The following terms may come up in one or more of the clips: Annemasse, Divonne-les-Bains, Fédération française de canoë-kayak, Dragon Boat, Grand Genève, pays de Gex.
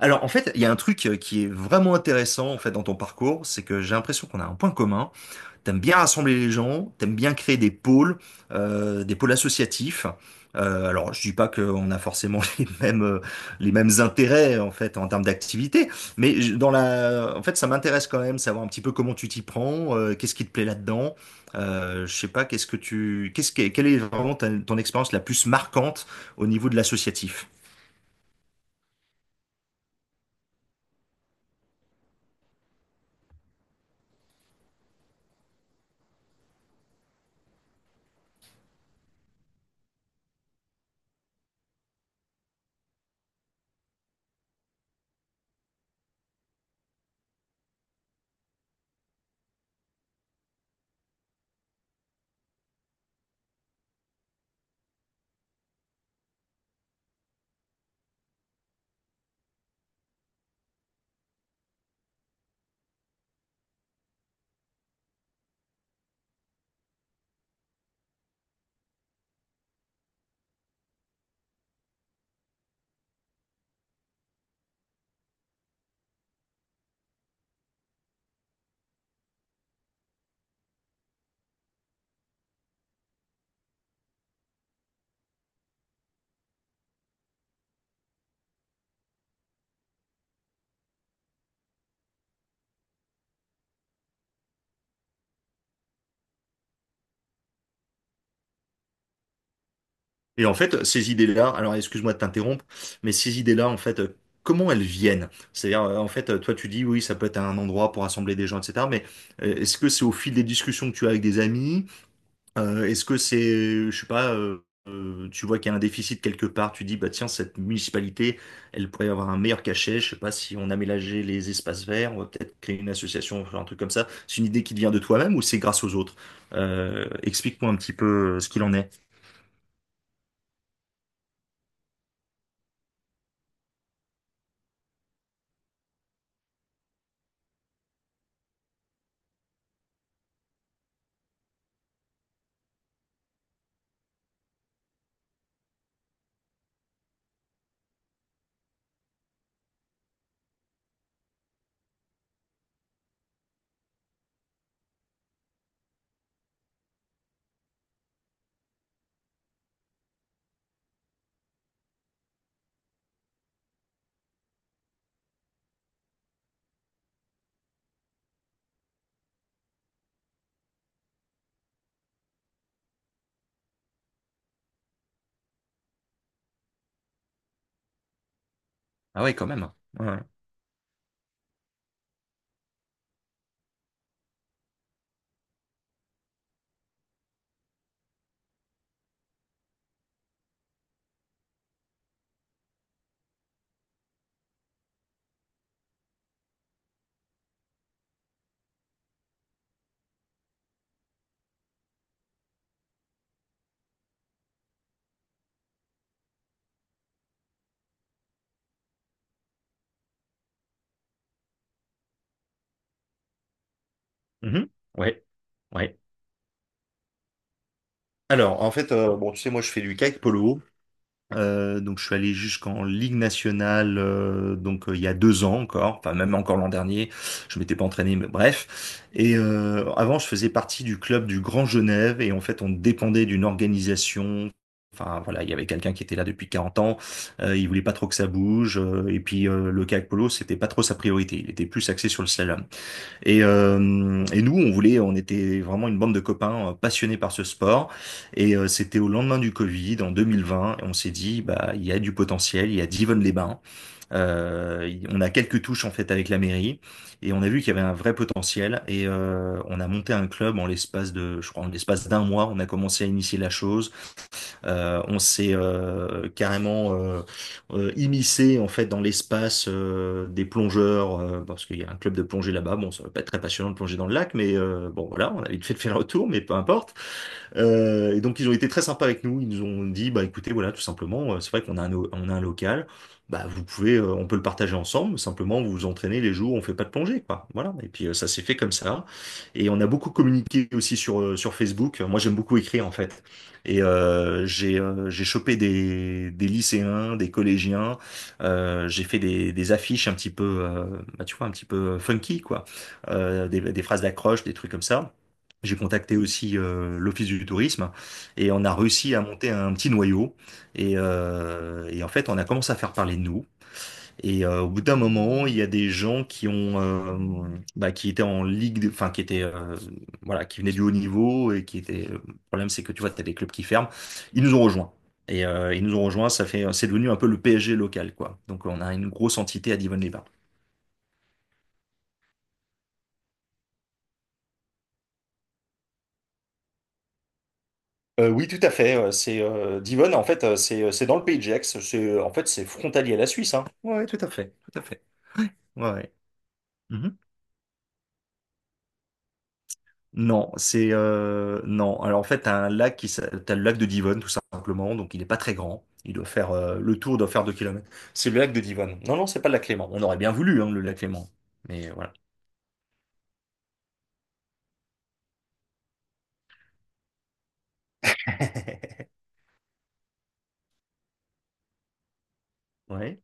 Alors en fait, il y a un truc qui est vraiment intéressant en fait dans ton parcours, c'est que j'ai l'impression qu'on a un point commun. T'aimes bien rassembler les gens, t'aimes bien créer des pôles associatifs. Alors je dis pas qu'on a forcément les mêmes intérêts en fait en termes d'activité, mais en fait ça m'intéresse quand même savoir un petit peu comment tu t'y prends, qu'est-ce qui te plaît là-dedans. Je sais pas, qu'est-ce que tu, qu'est-ce que, quelle est vraiment ton expérience la plus marquante au niveau de l'associatif? Et en fait, ces idées-là, alors excuse-moi de t'interrompre, mais ces idées-là, en fait, comment elles viennent? C'est-à-dire, toi, tu dis, oui, ça peut être un endroit pour rassembler des gens, etc. Mais est-ce que c'est au fil des discussions que tu as avec des amis? Est-ce que c'est, je sais pas, tu vois qu'il y a un déficit quelque part, tu dis, bah tiens, cette municipalité, elle pourrait avoir un meilleur cachet, je sais pas, si on aménageait les espaces verts, on va peut-être créer une association, faire un truc comme ça. C'est une idée qui te vient de toi-même ou c'est grâce aux autres? Explique-moi un petit peu ce qu'il en est. Ah ouais, quand même. Ouais. Mhm. Ouais, ouais. Alors, en fait, bon, tu sais, moi, je fais du kayak polo. Donc, je suis allé jusqu'en Ligue nationale, donc il y a 2 ans encore, enfin même encore l'an dernier. Je m'étais pas entraîné, mais bref. Et avant, je faisais partie du club du Grand Genève, et en fait, on dépendait d'une organisation. Enfin voilà, il y avait quelqu'un qui était là depuis 40 ans. Il voulait pas trop que ça bouge, et puis le kayak polo, c'était pas trop sa priorité. Il était plus axé sur le slalom. Et nous, on était vraiment une bande de copains passionnés par ce sport. Et c'était au lendemain du Covid, en 2020, et on s'est dit, bah, il y a du potentiel, il y a Divonne-les-Bains. On a quelques touches en fait avec la mairie, et on a vu qu'il y avait un vrai potentiel. Et on a monté un club en l'espace de, je crois, en l'espace d'un mois, on a commencé à initier la chose. On s'est carrément immiscé en fait dans l'espace des plongeurs parce qu'il y a un club de plongée là-bas. Bon, ça va pas être très passionnant de plonger dans le lac, mais bon voilà, on a vite fait de faire le retour, mais peu importe. Et donc ils ont été très sympas avec nous. Ils nous ont dit, bah écoutez, voilà, tout simplement, c'est vrai qu'on a un local, bah vous pouvez, on peut le partager ensemble. Simplement, vous vous entraînez les jours où on fait pas de plongée, quoi. Voilà. Et puis ça s'est fait comme ça. Et on a beaucoup communiqué aussi sur Facebook. Moi, j'aime beaucoup écrire en fait. Et j'ai chopé des lycéens, des collégiens. J'ai fait des affiches un petit peu, bah tu vois, un petit peu funky, quoi. Des phrases d'accroche, des trucs comme ça. J'ai contacté aussi l'Office du tourisme et on a réussi à monter un petit noyau. Et en fait, on a commencé à faire parler de nous. Et au bout d'un moment, il y a des gens qui ont, bah, qui étaient en ligue, enfin qui étaient, voilà, qui venaient du haut niveau et qui étaient. Le problème, c'est que tu vois, t'as des clubs qui ferment. Ils nous ont rejoints. Et ils nous ont rejoints. Ça fait, c'est devenu un peu le PSG local, quoi. Donc, on a une grosse entité à Divonne-les-Bains. Oui, tout à fait. C'est Divonne, en fait, c'est dans le pays de Gex. C'est en fait c'est frontalier à la Suisse, hein. Ouais, tout à fait, tout à fait. Ouais. Ouais. Mhm. Non, c'est non. Alors en fait, t'as un lac qui t'as le lac de Divonne tout simplement. Donc il est pas très grand. Il doit faire le tour doit faire 2 kilomètres. C'est le lac de Divonne. Non, non, c'est pas le lac Clément. On aurait bien voulu hein, le lac Clément, mais voilà. Ouais.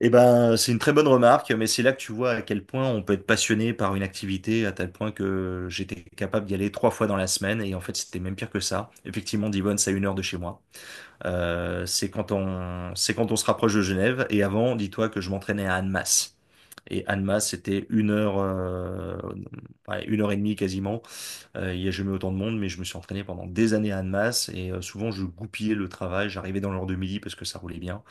Eh ben, c'est une très bonne remarque, mais c'est là que tu vois à quel point on peut être passionné par une activité, à tel point que j'étais capable d'y aller trois fois dans la semaine, et en fait, c'était même pire que ça. Effectivement, Divonne, c'est à 1 heure de chez moi. C'est quand on se rapproche de Genève, et avant, dis-toi que je m'entraînais à Annemasse. Et Annemasse, c'était 1 heure, ouais, 1 heure et demie quasiment. Il n'y a jamais autant de monde, mais je me suis entraîné pendant des années à Annemasse, et souvent, je goupillais le travail, j'arrivais dans l'heure de midi parce que ça roulait bien.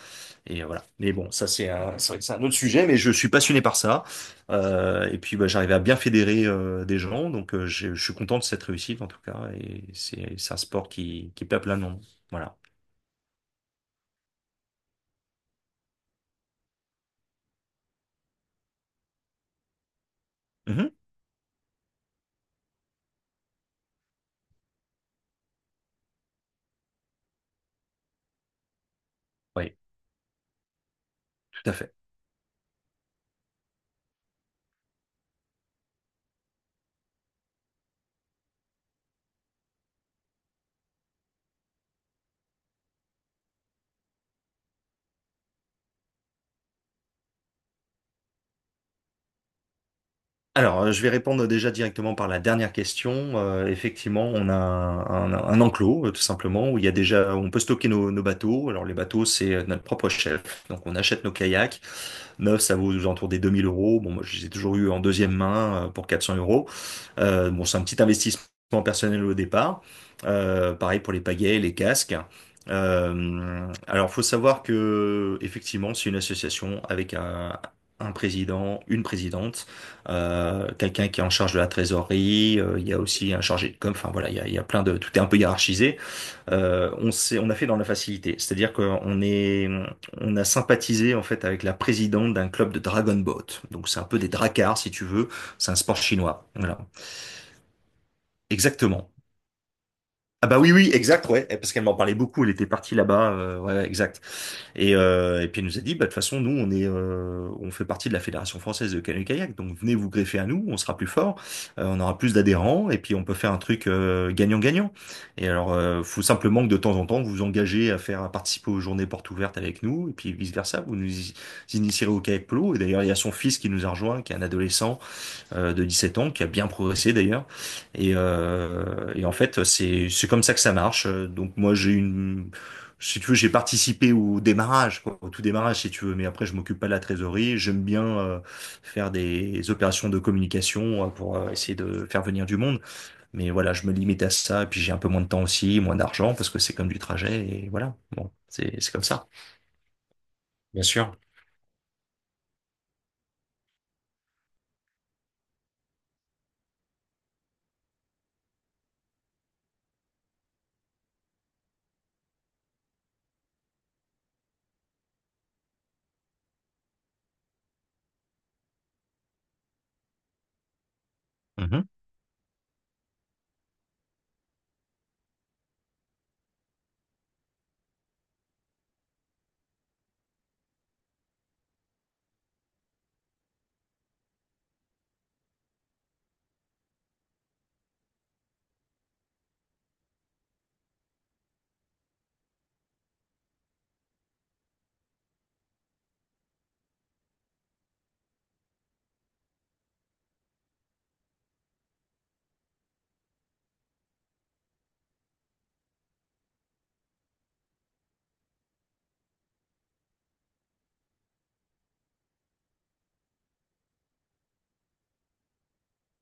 Et voilà. Mais bon, ça c'est un, c'est vrai que c'est un autre sujet, mais je suis passionné par ça. Et puis bah, j'arrive à bien fédérer des gens, donc je suis content de cette réussite en tout cas. Et c'est un sport qui plaît à plein de monde. Voilà. Mhm. Oui, tout à fait. Alors, je vais répondre déjà directement par la dernière question. Effectivement, on a un enclos, tout simplement, où il y a déjà, où on peut stocker nos bateaux. Alors, les bateaux, c'est notre propre chef. Donc, on achète nos kayaks Neuf, ça vaut aux alentours des 2000 euros. Bon, moi, je les ai toujours eu en deuxième main pour 400 euros. Bon, c'est un petit investissement personnel au départ. Pareil pour les pagaies, les casques. Alors, faut savoir que effectivement, c'est une association avec un président, une présidente, quelqu'un qui est en charge de la trésorerie. Il y a aussi un chargé de com. Enfin voilà, il y a plein de, tout est un peu hiérarchisé on a fait dans la facilité. C'est-à-dire on a sympathisé en fait avec la présidente d'un club de Dragon Boat. Donc c'est un peu des dracars si tu veux. C'est un sport chinois. Voilà. Exactement. Ah bah oui, oui, exact, ouais, eh, parce qu'elle m'en parlait beaucoup, elle était partie là-bas, ouais, ouais, exact. Et puis elle nous a dit, bah de toute façon, nous, on fait partie de la Fédération française de canoë-kayak, donc venez vous greffer à nous, on sera plus fort, on aura plus d'adhérents, et puis on peut faire un truc gagnant-gagnant. Et alors, faut simplement que de temps en temps, vous vous engagez à participer aux journées portes ouvertes avec nous, et puis vice-versa, vous nous initierez au kayak polo, et d'ailleurs, il y a son fils qui nous a rejoint, qui est un adolescent, de 17 ans, qui a bien progressé d'ailleurs. Et en fait, c'est comme ça que ça marche. Donc moi, si tu veux, j'ai participé au démarrage, quoi, au tout démarrage, si tu veux. Mais après, je m'occupe pas de la trésorerie. J'aime bien faire des opérations de communication pour essayer de faire venir du monde. Mais voilà, je me limite à ça. Et puis j'ai un peu moins de temps aussi, moins d'argent, parce que c'est comme du trajet. Et voilà, bon, c'est comme ça, bien sûr. Mhm.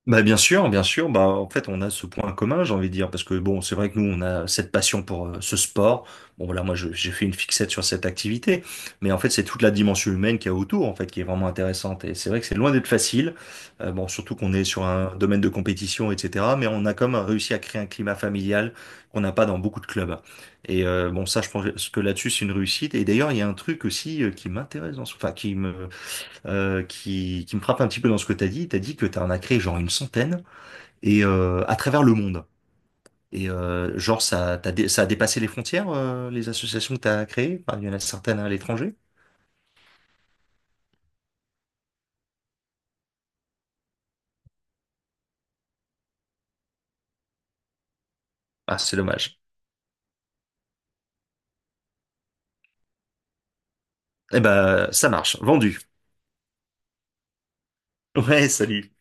Bah bien sûr, bien sûr. Bah en fait, on a ce point commun, j'ai envie de dire, parce que bon, c'est vrai que nous, on a cette passion pour ce sport. Bon voilà, moi, j'ai fait une fixette sur cette activité, mais en fait, c'est toute la dimension humaine qu'il y a autour, en fait, qui est vraiment intéressante. Et c'est vrai que c'est loin d'être facile. Bon, surtout qu'on est sur un domaine de compétition, etc. Mais on a quand même réussi à créer un climat familial qu'on n'a pas dans beaucoup de clubs. Et bon, ça, je pense que là-dessus, c'est une réussite. Et d'ailleurs, il y a un truc aussi qui m'intéresse dans ce, enfin, qui me frappe un petit peu dans ce que t'as dit. T'as dit que t'en as créé genre une centaine et à travers le monde. Et genre ça, ça a dépassé les frontières, les associations que t'as créées. Enfin, il y en a certaines à l'étranger. Ah, c'est dommage. Eh ben, ça marche. Vendu. Ouais, salut.